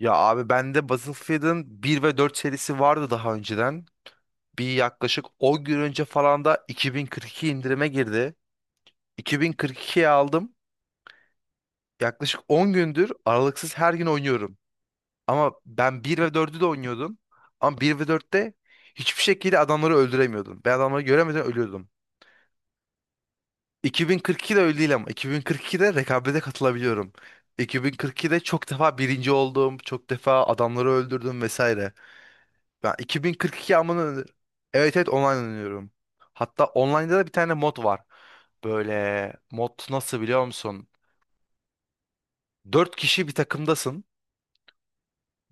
Ya abi bende Battlefield'ın bir ve 4 serisi vardı daha önceden. Yaklaşık 10 gün önce falan da 2042 indirime girdi. 2042'ye aldım. Yaklaşık 10 gündür aralıksız her gün oynuyorum. Ama ben bir ve dördü de oynuyordum. Ama bir ve dörtte hiçbir şekilde adamları öldüremiyordum. Ben adamları göremeden ölüyordum. 2042'de öyle değil ama 2042'de rekabete katılabiliyorum. 2042'de çok defa birinci oldum, çok defa adamları öldürdüm vesaire. Ben 2042 amına öner- Evet, evet, online oynuyorum. Hatta online'da da bir tane mod var. Böyle mod, nasıl biliyor musun? 4 kişi bir takımdasın.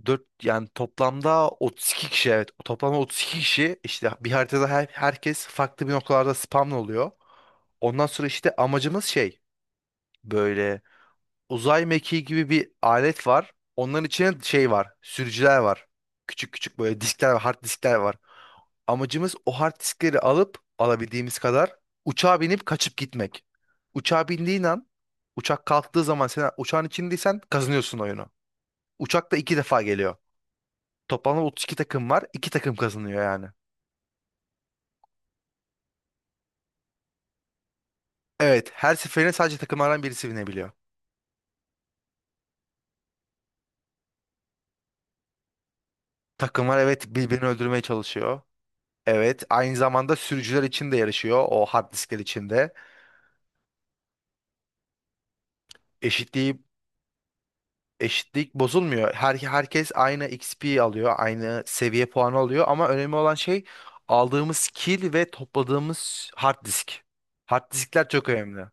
Dört, yani toplamda 32 kişi, evet. Toplamda 32 kişi işte bir haritada herkes farklı bir noktalarda spamlı oluyor. Ondan sonra işte amacımız şey, böyle uzay mekiği gibi bir alet var. Onların içine şey var. Sürücüler var. Küçük küçük böyle diskler var, hard diskler var. Amacımız o hard diskleri alıp alabildiğimiz kadar uçağa binip kaçıp gitmek. Uçağa bindiğin an uçak kalktığı zaman sen uçağın içindeysen kazanıyorsun oyunu. Uçak da iki defa geliyor. Toplamda 32 takım var. İki takım kazanıyor yani. Evet, her seferinde sadece takımlardan birisi binebiliyor. Takımlar, evet, birbirini öldürmeye çalışıyor. Evet, aynı zamanda sürücüler için de yarışıyor o hard diskler içinde. Eşitliği eşitlik bozulmuyor. Herkes aynı XP alıyor, aynı seviye puanı alıyor ama önemli olan şey aldığımız kill ve topladığımız hard disk. Hard diskler çok önemli.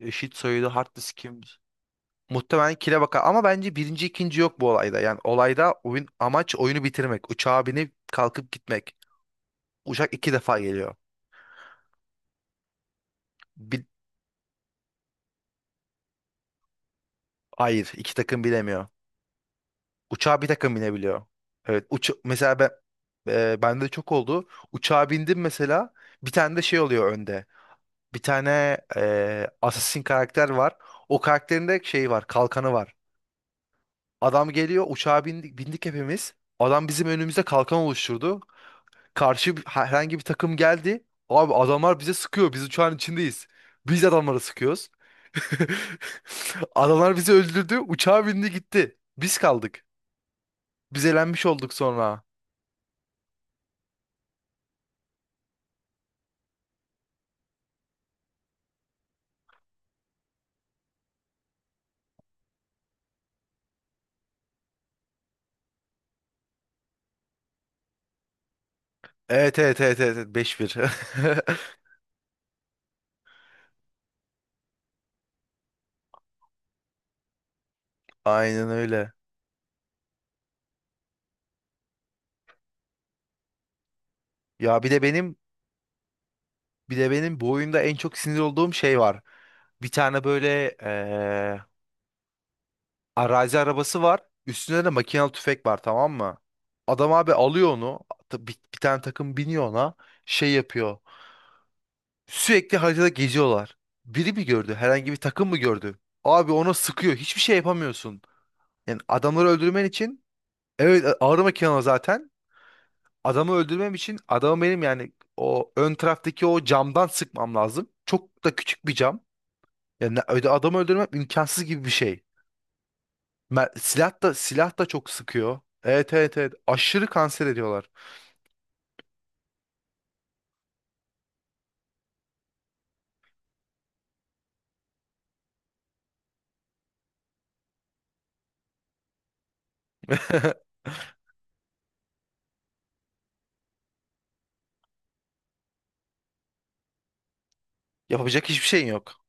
Eşit sayıda hard diskim muhtemelen kill'e bakar ama bence birinci ikinci yok bu olayda. Yani olayda oyun amaç oyunu bitirmek. Uçağa binip kalkıp gitmek. Uçak iki defa geliyor. Bir, hayır iki takım bilemiyor. Uçağa bir dakika binebiliyor. Evet, mesela ben, bende de çok oldu. Uçağa bindim mesela, bir tane de şey oluyor önde. Bir tane assassin karakter var. O karakterin de şeyi var, kalkanı var. Adam geliyor, uçağa bindik hepimiz. Adam bizim önümüzde kalkan oluşturdu. Herhangi bir takım geldi. Abi adamlar bize sıkıyor. Biz uçağın içindeyiz. Biz adamlara sıkıyoruz. Adamlar bizi öldürdü. Uçağa bindi, gitti. Biz kaldık. Biz elenmiş olduk sonra. Evet, evet, evet, evet, evet, beş bir. Aynen öyle. Ya bir de benim bu oyunda en çok sinir olduğum şey var. Bir tane böyle arazi arabası var. Üstünde de makinalı tüfek var, tamam mı? Adam abi alıyor onu. Bir tane takım biniyor ona. Şey yapıyor. Sürekli haritada geziyorlar. Biri mi gördü? Herhangi bir takım mı gördü? Abi ona sıkıyor. Hiçbir şey yapamıyorsun. Yani adamları öldürmen için, evet, ağır makinalı zaten. Adamı öldürmem için adamı benim yani o ön taraftaki o camdan sıkmam lazım. Çok da küçük bir cam. Yani adamı öldürmem imkansız gibi bir şey. Silah da çok sıkıyor. Evet, evet, evet. Aşırı kanser ediyorlar. Yapacak hiçbir şeyin yok.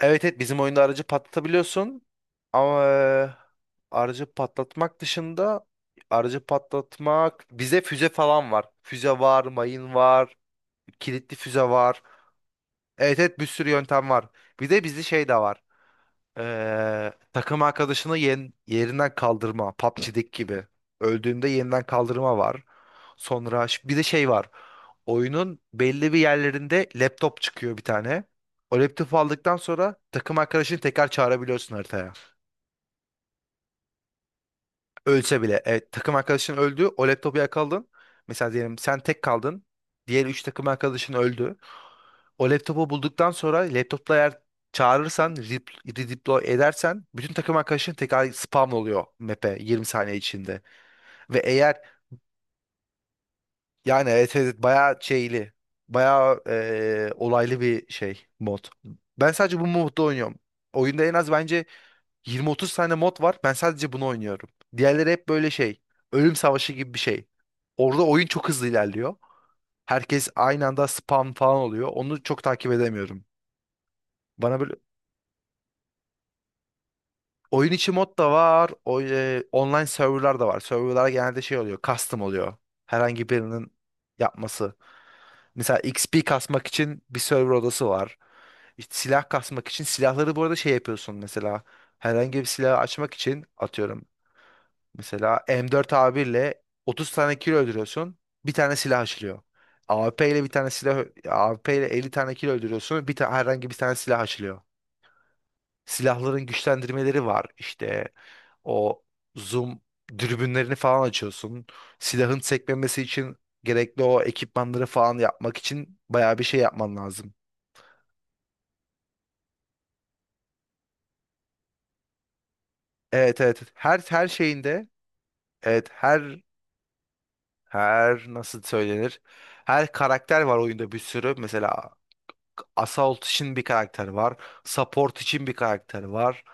Evet, evet, bizim oyunda aracı patlatabiliyorsun. Ama aracı patlatmak dışında aracı patlatmak bize füze falan var. Füze var, mayın var, kilitli füze var. Evet, evet, bir sürü yöntem var. Bir de bizde şey de var. Takım arkadaşını yerinden kaldırma. PUBG'deki gibi. Öldüğünde yeniden kaldırma var. Sonra bir de şey var. Oyunun belli bir yerlerinde laptop çıkıyor bir tane. O laptopu aldıktan sonra takım arkadaşını tekrar çağırabiliyorsun haritaya. Ölse bile. Evet, takım arkadaşın öldü. O laptopu yakaladın. Mesela diyelim sen tek kaldın. Diğer 3 takım arkadaşın öldü. O laptopu bulduktan sonra laptopla eğer çağırırsan, redeploy edersen bütün takım arkadaşın tekrar spam oluyor map'e 20 saniye içinde. Ve eğer yani, evet, evet, bayağı şeyli, bayağı olaylı bir şey mod. Ben sadece bu modda oynuyorum. Oyunda en az bence 20-30 tane mod var. Ben sadece bunu oynuyorum. Diğerleri hep böyle şey. Ölüm savaşı gibi bir şey. Orada oyun çok hızlı ilerliyor. Herkes aynı anda spam falan oluyor. Onu çok takip edemiyorum. Bana böyle oyun içi mod da var. O, online serverlar da var. Serverlar genelde şey oluyor. Custom oluyor. Herhangi birinin yapması. Mesela XP kasmak için bir server odası var. İşte silah kasmak için silahları bu arada şey yapıyorsun mesela. Herhangi bir silah açmak için atıyorum. Mesela M4 A1 ile 30 tane kilo öldürüyorsun. Bir tane silah açılıyor. AWP ile 50 tane kilo öldürüyorsun. Herhangi bir tane silah açılıyor. Silahların güçlendirmeleri var. İşte o zoom dürbünlerini falan açıyorsun. Silahın sekmemesi için gerekli o ekipmanları falan yapmak için bayağı bir şey yapman lazım. Evet, evet. Her şeyinde, evet, her nasıl söylenir? Her karakter var oyunda bir sürü. Mesela Assault için bir karakter var. Support için bir karakter var.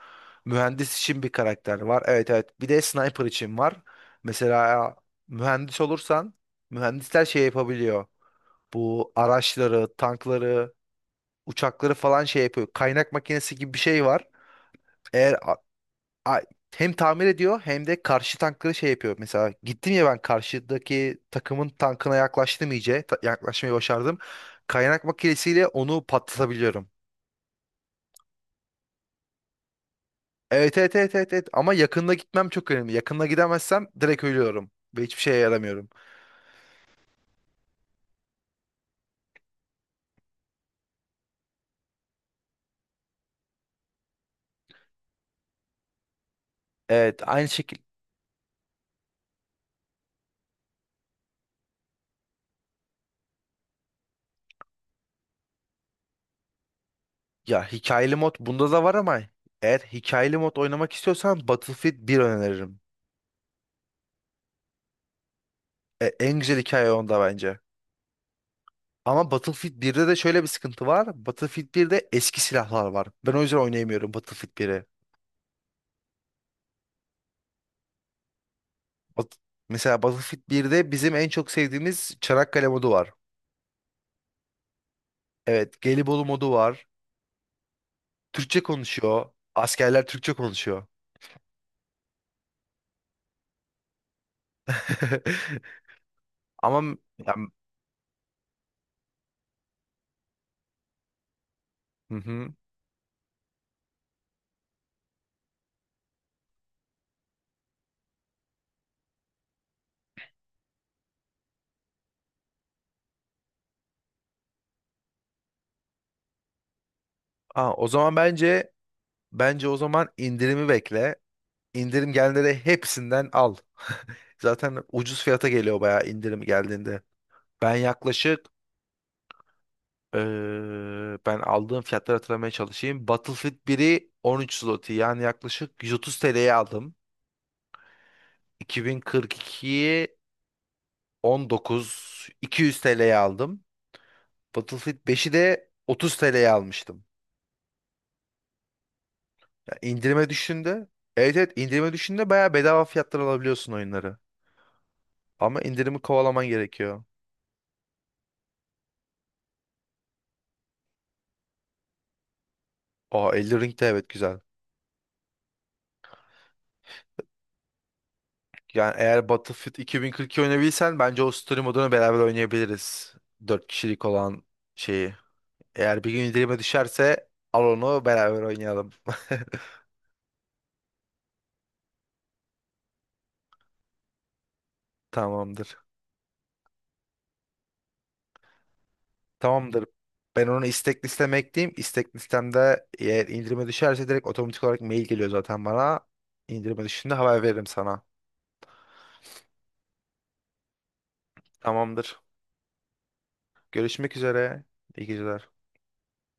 Mühendis için bir karakter var. Evet, evet. Bir de sniper için var. Mesela mühendis olursan mühendisler şey yapabiliyor. Bu araçları, tankları, uçakları falan şey yapıyor. Kaynak makinesi gibi bir şey var. Eğer a- hem tamir ediyor hem de karşı tankları şey yapıyor. Mesela gittim ya ben karşıdaki takımın tankına yaklaştım iyice. Yaklaşmayı başardım. Kaynak makinesiyle onu patlatabiliyorum. Evet, evet, evet, evet, evet, ama yakında gitmem çok önemli. Yakında gidemezsem direkt ölüyorum ve hiçbir şeye yaramıyorum. Evet, aynı şekil. Ya hikayeli mod bunda da var ama eğer hikayeli mod oynamak istiyorsan Battlefield bir öneririm. En güzel hikaye onda bence. Ama Battlefield birde de şöyle bir sıkıntı var. Battlefield birde eski silahlar var. Ben o yüzden oynayamıyorum Battlefield biri. Bat- Mesela Battlefield birde bizim en çok sevdiğimiz Çanakkale modu var. Evet, Gelibolu modu var. Türkçe konuşuyor. Askerler Türkçe konuşuyor. Ama m- ya, m- hı hı. Aa, o zaman bence o zaman indirimi bekle. İndirim gelenleri hepsinden al. Zaten ucuz fiyata geliyor bayağı indirim geldiğinde. Ben yaklaşık eee, ben aldığım fiyatları hatırlamaya çalışayım. Battlefield 1'i 13 zloty yani yaklaşık 130 TL'ye aldım. 2042'yi 19.200 TL'ye aldım. Battlefield beşi de 30 TL'ye almıştım. İndirime düşünde. Evet, evet, indirime düşünde bayağı bedava fiyatlar alabiliyorsun oyunları. Ama indirimi kovalaman gerekiyor. Aa, Elden Ring de evet güzel. Yani eğer Battlefield 2042 oynayabilsen bence o story modunu beraber oynayabiliriz. Dört kişilik olan şeyi. Eğer bir gün indirime düşerse al onu beraber oynayalım. Tamamdır. Tamamdır. Ben onu istek listeme ekleyeyim. İstek listemde eğer indirime düşerse direkt otomatik olarak mail geliyor zaten bana. İndirime düşünde haber veririm sana. Tamamdır. Görüşmek üzere. İyi geceler.